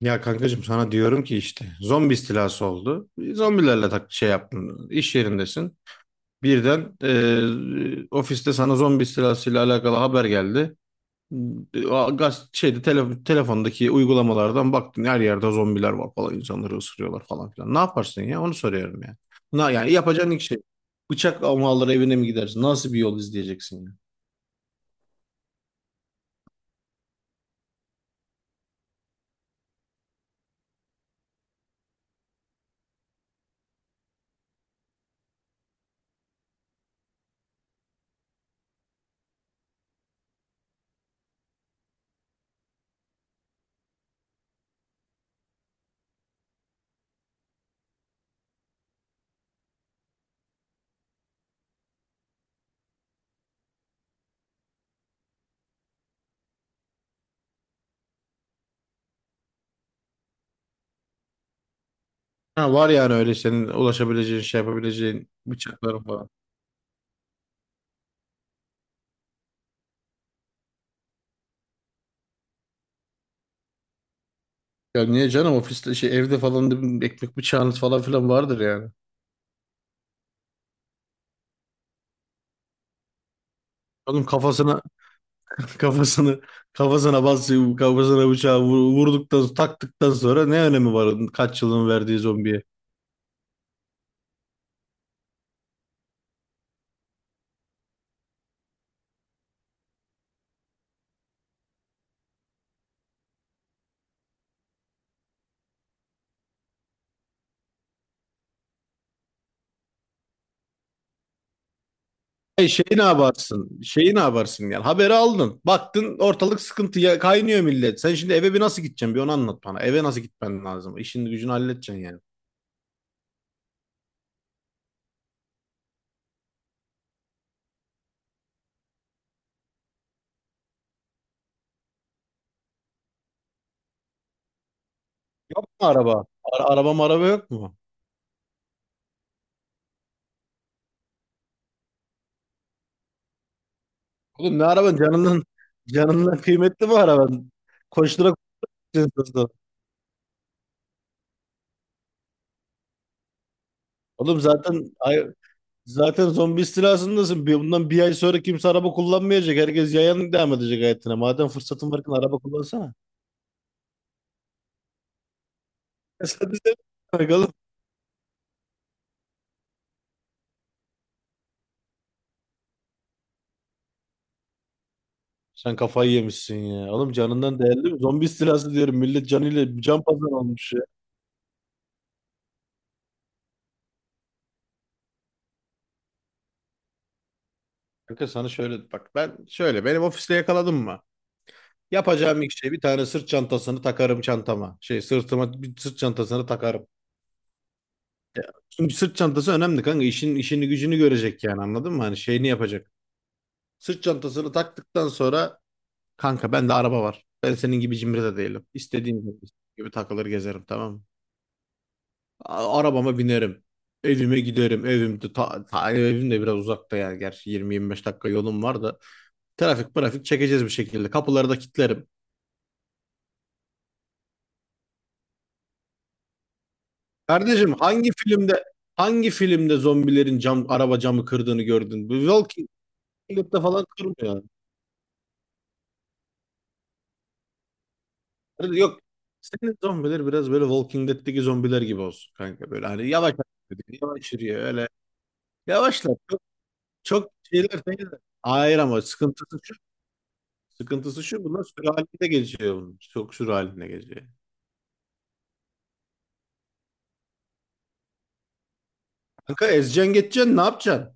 Ya kankacığım sana diyorum ki işte zombi istilası oldu. Zombilerle tak şey yaptın. İş yerindesin. Birden ofiste sana zombi istilasıyla alakalı haber geldi. Telefondaki uygulamalardan baktın her yerde zombiler var falan, insanları ısırıyorlar falan filan. Ne yaparsın ya? Onu soruyorum ya. Yani yapacağın ilk şey, bıçak mı alır evine mi gidersin? Nasıl bir yol izleyeceksin ya? Ha, var yani öyle senin ulaşabileceğin şey, yapabileceğin bıçakların. Ya niye canım, ofiste şey, evde falan da bir ekmek bıçağınız falan filan vardır yani. Oğlum kafasına kafasını kafasına basıyor, kafasına bıçağı vurduktan taktıktan sonra ne önemi var onun kaç yılın verdiği zombiye? E şeyi ne yaparsın? Şeyi ne yaparsın yani? Haberi aldın. Baktın ortalık sıkıntıya kaynıyor, millet. Sen şimdi eve bir nasıl gideceksin? Bir onu anlat bana. Eve nasıl gitmen lazım? İşin gücünü halledeceksin yani. Yok mu araba? Araba maraba yok mu? Oğlum ne araban? Canından canından kıymetli bu araban. Koştura koştura. Oğlum zaten ay, zaten zombi istilasındasın. Bundan bir ay sonra kimse araba kullanmayacak. Herkes yayan devam edecek hayatına. Madem fırsatın varken araba kullansana. Sen de Oğlum. Sen kafayı yemişsin ya. Oğlum canından değerli mi? Zombi istilası diyorum. Millet canıyla can pazarı olmuş ya. Kanka sana şöyle bak, ben şöyle, benim ofiste yakaladım mı, yapacağım ilk şey, bir tane sırt çantasını takarım çantama. Şey, sırtıma bir sırt çantasını takarım. Çünkü sırt çantası önemli kanka. İşin işini gücünü görecek, yani anladın mı? Hani şeyini yapacak. Sırt çantasını taktıktan sonra kanka, bende araba var. Ben senin gibi cimri de değilim. İstediğim gibi takılır gezerim, tamam mı? Arabama binerim. Evime giderim. Evim de, evim de biraz uzakta yani. Gerçi 20-25 dakika yolum var da. Trafik çekeceğiz bir şekilde. Kapıları da kilitlerim. Kardeşim hangi filmde zombilerin cam, araba camı kırdığını gördün? Bu Walking Dead'de falan kırmıyor. Yok. Senin zombiler biraz böyle Walking Dead'teki zombiler gibi olsun kanka. Böyle hani yavaş hareket ediyor, yavaş yürüyor öyle. Yavaşlar. Çok, çok şeyler değil de. Hayır ama sıkıntısı şu. Bunlar sürü halinde geziyor bunlar. Çok sürü halinde geziyor. Kanka ezeceksin geçeceksin, ne yapacaksın?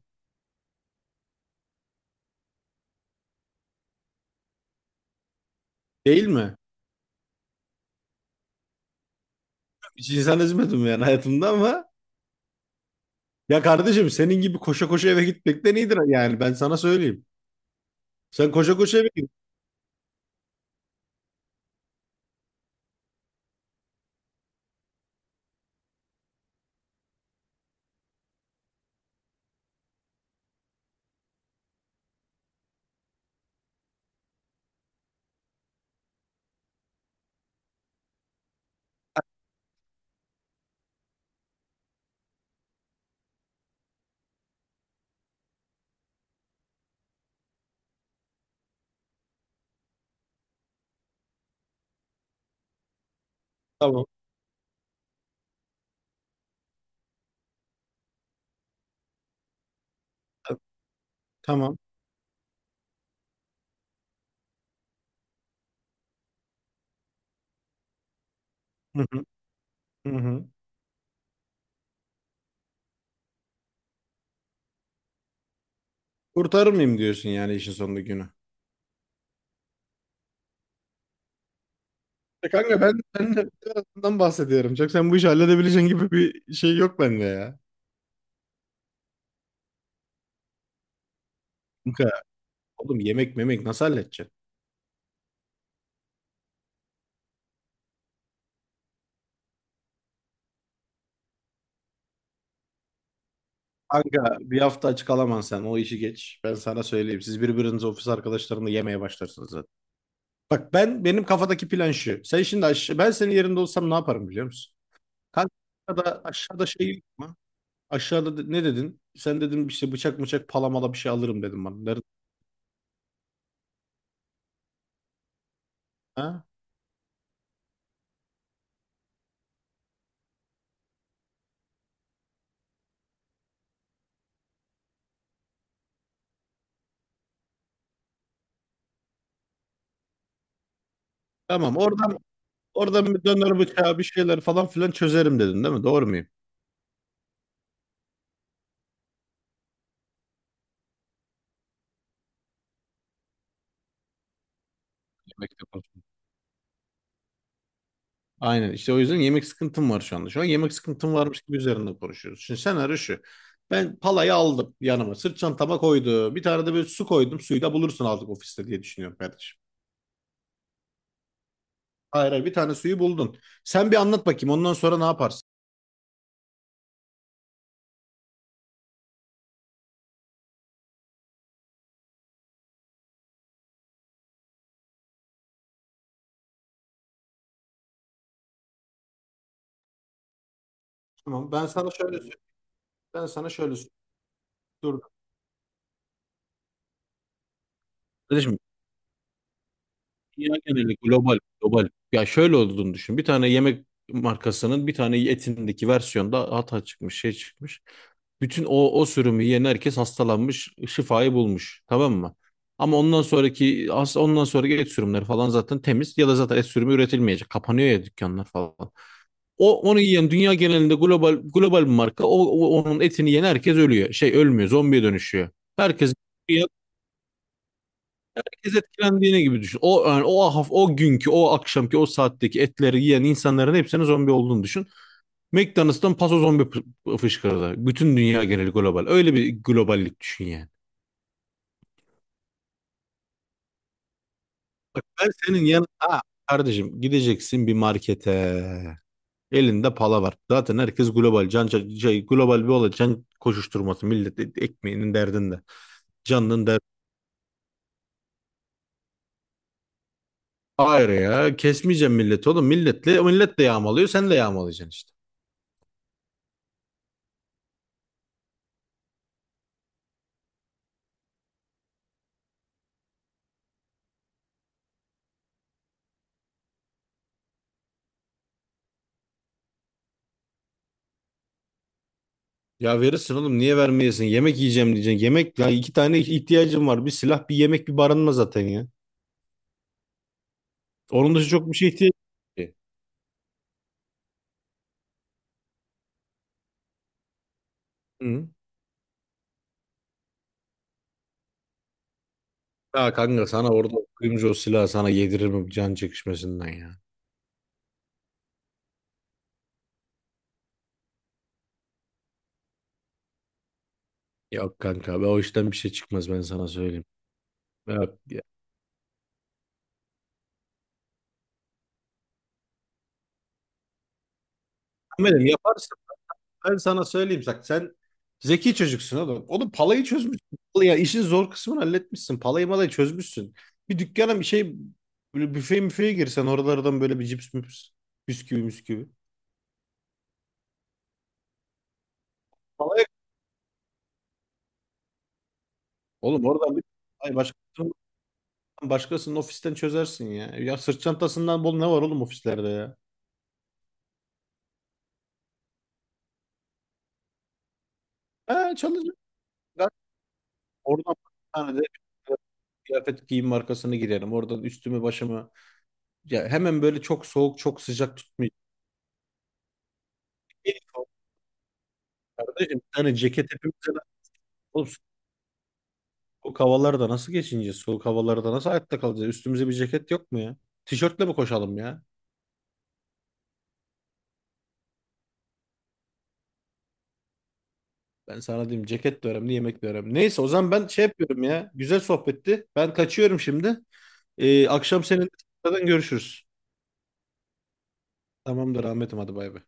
Değil mi? Hiç insan ezmedim yani hayatımda ama. Ya kardeşim, senin gibi koşa koşa eve gitmekten iyidir yani. Ben sana söyleyeyim. Sen koşa koşa eve git. Tamam. Tamam. Hı hı. Hı hı. Kurtarır mıyım diyorsun yani işin sonunda günü. Ya kanka ben, ben de birazdan bahsediyorum. Çok sen bu işi halledebileceğin gibi bir şey yok bende ya. Kanka, oğlum yemek memek nasıl halledeceksin? Kanka bir hafta açık alamam, sen o işi geç. Ben sana söyleyeyim. Siz birbiriniz ofis arkadaşlarınla yemeye başlarsınız zaten. Bak, benim kafadaki plan şu. Sen şimdi aşağı, ben senin yerinde olsam ne yaparım biliyor musun? Kanka aşağıda şey yok mu? Aşağıda ne dedin? Sen dedin işte bıçak mıçak palamala bir şey alırım dedim bana. Nerede? Ha? Tamam, oradan bir döner bıçağı bir şeyler falan filan çözerim dedin değil mi? Doğru muyum? Yemekte konuşuyoruz. Aynen işte, o yüzden yemek sıkıntım var şu anda. Şu an yemek sıkıntım varmış gibi üzerinde konuşuyoruz. Şimdi senaryo şu. Ben palayı aldım yanıma. Sırt çantama koydum. Bir tane de böyle su koydum. Suyu da bulursun artık ofiste diye düşünüyorum kardeşim. Hayır, bir tane suyu buldun. Sen bir anlat bakayım, ondan sonra ne yaparsın? Tamam ben sana şöyle söyleyeyim. Ben sana şöyle söyleyeyim. Dur. Kardeşim Dünya geneli, global. Ya şöyle olduğunu düşün. Bir tane yemek markasının bir tane etindeki versiyonda hata çıkmış, şey çıkmış. Bütün o sürümü yiyen herkes hastalanmış, şifayı bulmuş. Tamam mı? Ama ondan sonraki et sürümleri falan zaten temiz, ya da zaten et sürümü üretilmeyecek. Kapanıyor ya dükkanlar falan. Onu yiyen dünya genelinde, global global bir marka, onun etini yiyen herkes ölüyor. Şey, ölmüyor, zombiye dönüşüyor. Herkes herkes etkilendiğine gibi düşün. O yani o günkü, o akşamki, o saatteki etleri yiyen insanların hepsinin zombi olduğunu düşün. McDonald's'tan paso zombi fışkırdı. Bütün dünya geneli global. Öyle bir globallik düşün yani. Bak ben senin yan Aa, Kardeşim gideceksin bir markete. Elinde pala var. Zaten herkes global. Global bir olay. Can koşuşturması, millet ekmeğinin derdinde. Canının derdinde. Hayır ya, kesmeyeceğim milleti oğlum. Millet de yağmalıyor, sen de yağmalayacaksın işte. Ya verirsin oğlum, niye vermeyesin? Yemek yiyeceğim diyeceksin. Yemek ya, iki tane ihtiyacım var. Bir silah, bir yemek, bir barınma zaten ya. Onun dışı çok bir şey ihtiyacım yok ki. Hı. Ya kanka sana orada kuyumcu o silahı sana yediririm can çekişmesinden ya. Yok kanka be, o işten bir şey çıkmaz, ben sana söyleyeyim. Yok. Ya. Ahmet'im yaparsın. Ben sana söyleyeyim, bak sen zeki çocuksun oğlum. Oğlum palayı çözmüşsün. Ya işin zor kısmını halletmişsin. Palayı malayı çözmüşsün. Bir dükkana bir şey, böyle büfe müfeye girsen oralardan böyle bir cips müps, bisküvi müsküvi. Palaya oğlum oradan bir ay Başkasının, başkasının ofisten çözersin ya. Ya sırt çantasından bol ne var oğlum ofislerde ya. Ha, çalışırım. Ben Oradan bir tane de kıyafet giyim markasını girerim. Oradan üstümü başımı, ya hemen böyle, çok soğuk çok sıcak tutmayacağım. Kardeşim bir tane ceket hepimize lazım. Oğlum, soğuk havalarda nasıl geçineceğiz? Soğuk havalarda nasıl hayatta kalacağız? Üstümüze bir ceket yok mu ya? Tişörtle mi koşalım ya? Ben sana diyeyim, ceket de önemli, yemek de önemli. Neyse, o zaman ben şey yapıyorum ya. Güzel sohbetti. Ben kaçıyorum şimdi. Akşam seninle tekrardan görüşürüz. Tamamdır Ahmet'im, hadi bay bay.